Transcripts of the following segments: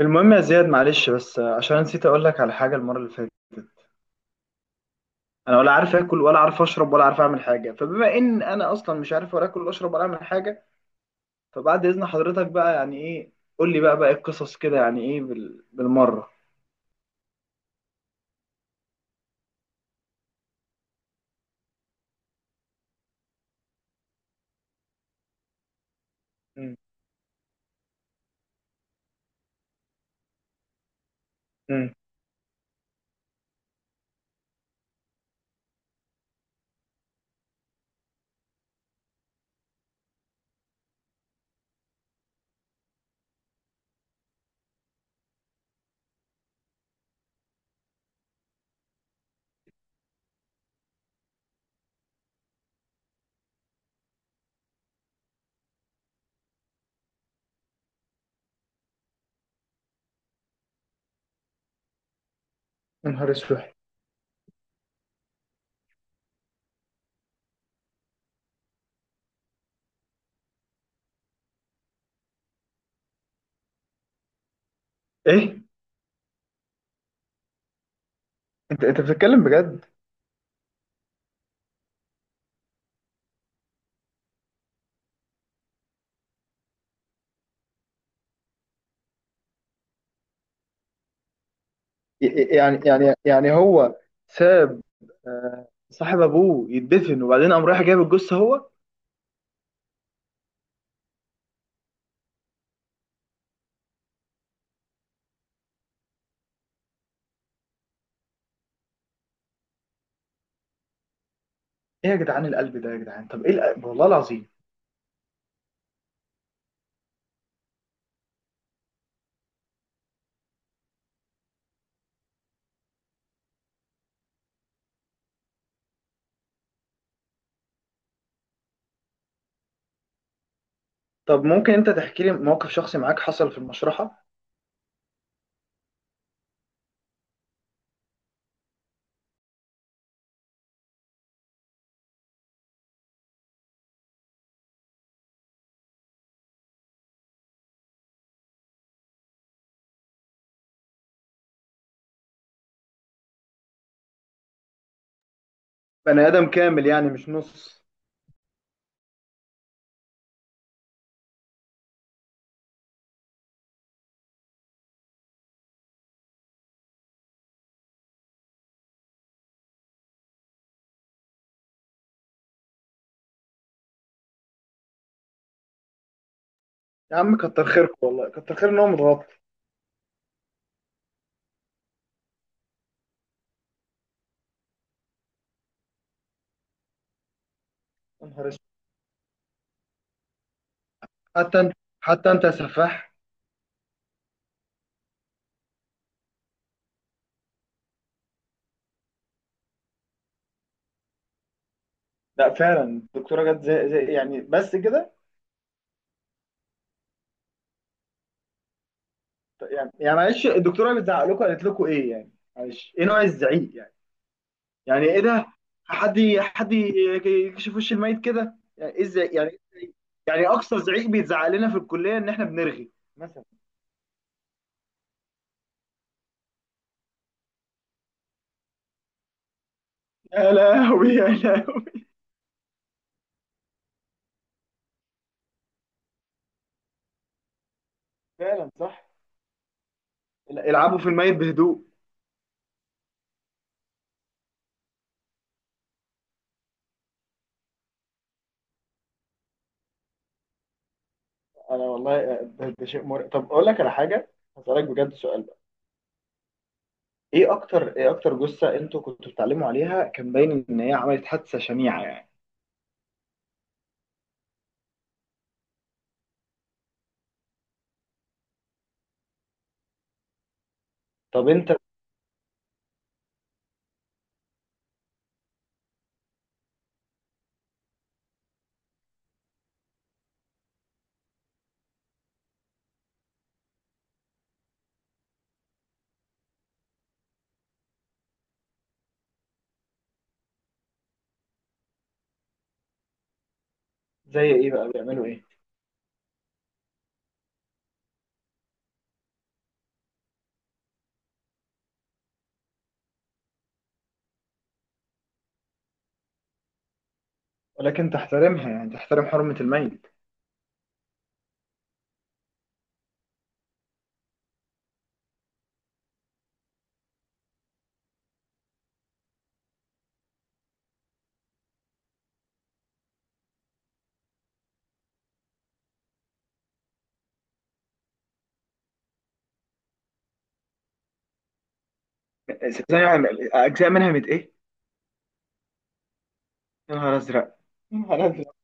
المهم يا زياد، معلش بس عشان نسيت اقول لك على حاجه المره اللي فاتت. انا ولا عارف اكل ولا عارف اشرب ولا عارف اعمل حاجه، فبما ان انا اصلا مش عارف ولا اكل ولا اشرب ولا اعمل حاجه، فبعد اذن حضرتك بقى، يعني ايه، قول لي بقى إيه القصص كده، يعني ايه بالمره. مم. مم. يا نهار اسود. ايه؟ انت بتتكلم بجد؟ يعني هو ساب، صاحب ابوه يدفن، وبعدين قام رايح جايب الجثه هو؟ ايه يا جدعان، القلب ده يا جدعان، طب ايه القلب؟ والله العظيم. طب ممكن انت تحكي لي موقف شخصي معاك حصل في المشرحة؟ بني ادم كامل يعني مش نص؟ يا عم كتر خيرك، والله كتر خير ان هو متغطى. يا نهار اسود. حتى انت، حتى انت يا سفاح. لا فعلا الدكتورة جت زي يعني بس كده. يعني معلش الدكتورة بتزعق لكم، قالت لكم ايه يعني؟ معلش، ايه نوع الزعيق يعني؟ يعني ايه ده؟ حد ي- حد ي- يكشف وش الميت كده، يعني ايه الزعيق، يعني إيه الزعيق؟ يعني اقصى زعيق بيتزعق لنا في الكلية ان احنا بنرغي مثلا. يا لهوي يا لهوي. فعلا صح. العبوا في الميت بهدوء. انا والله ده شيء مرعب. طب اقول لك على حاجه، هسالك بجد سؤال بقى، ايه اكتر جثه انتوا كنتوا بتتعلموا عليها كان باين ان هي عملت حادثه شنيعه يعني؟ طب انت، زي ايه بقى بيعملوا ايه؟ ولكن تحترمها، يعني تحترم حرمة الميت. زي يعني، أجزاء منها مت إيه؟ يا نهار أزرق. يا نهار أزرق.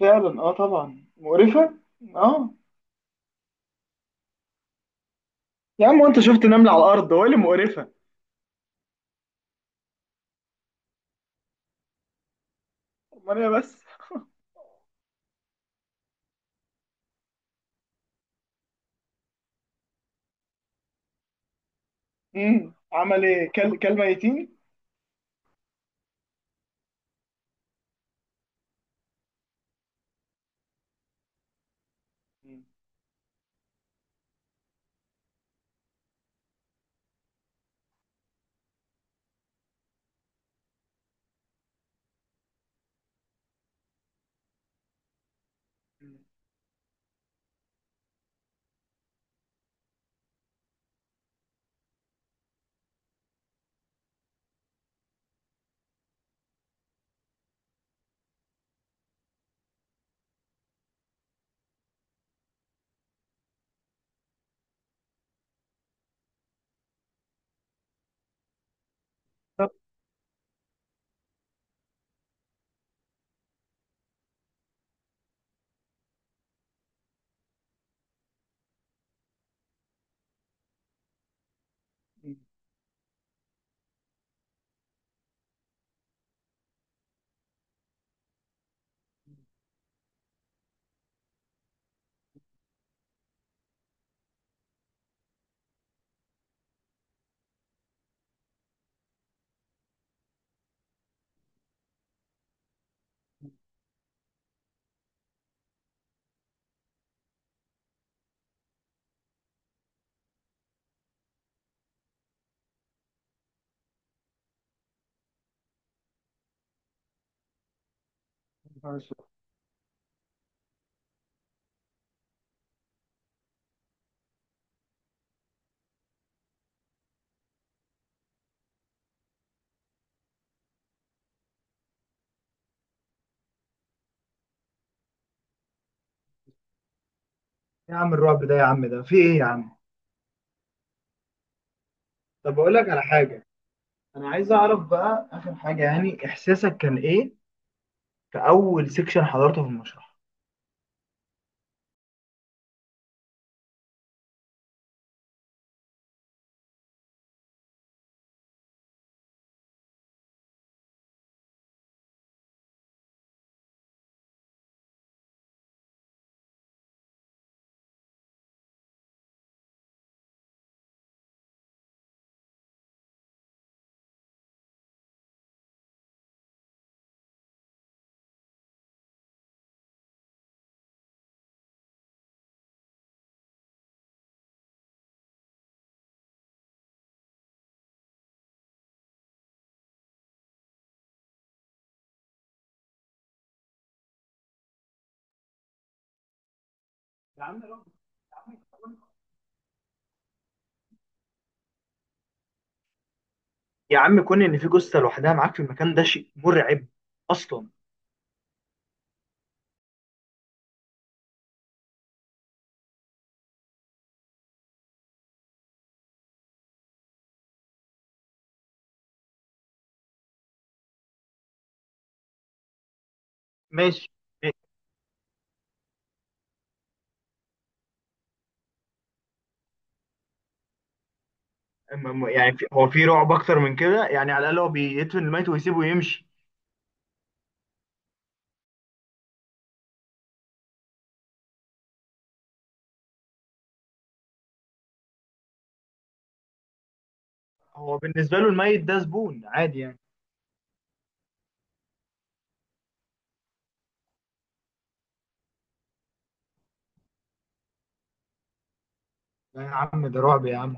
فعلا اه، طبعا مقرفه، اه. يا عم وأنت شفت نملة على الأرض، هو إيه اللي مقرفة؟ أمال إيه بس؟ عمل ايه كل ميتين؟ طب ماشي. إيه يا عم الرعب ده يا عم، ده في ايه يا عم؟ طب اقول لك على حاجه، انا عايز اعرف بقى اخر حاجه، يعني احساسك كان ايه في اول سيكشن حضرته في المشرح؟ يا عم رعب، يا عم كون- يا عم كون ان في جثه لوحدها معاك في المكان ده شيء مرعب اصلا. ماشي. يعني هو في رعب اكتر من كده يعني، على الاقل هو بيدفن الميت ويسيبه يمشي. هو بالنسبه له الميت ده زبون عادي يعني. لا يا عم، ده رعب يا عم.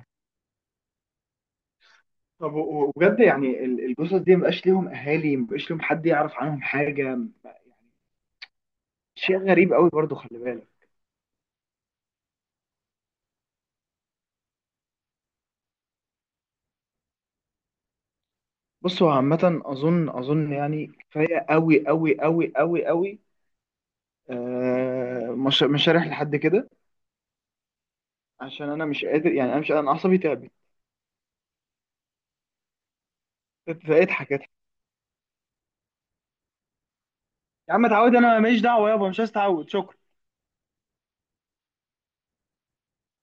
طب وبجد يعني الجثث دي مبقاش ليهم اهالي، مبقاش ليهم حد يعرف عنهم حاجه يعني؟ شيء غريب قوي برضو، خلي بالك. بص هو عامة أظن يعني، كفاية قوي قوي قوي قوي قوي. آه مش هريح لحد كده، عشان أنا مش قادر يعني، أنا مش أنا عصبي تعبت. اضحك اضحك. يا عم اتعود؟ أنا ماليش دعوة يابا، مش عايز اتعود، شكرا.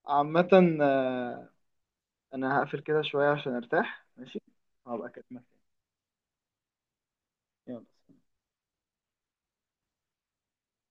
عامة آه، أنا هقفل كده شوية عشان أرتاح، ماشي. هبقى أكلمك تاني. يلا.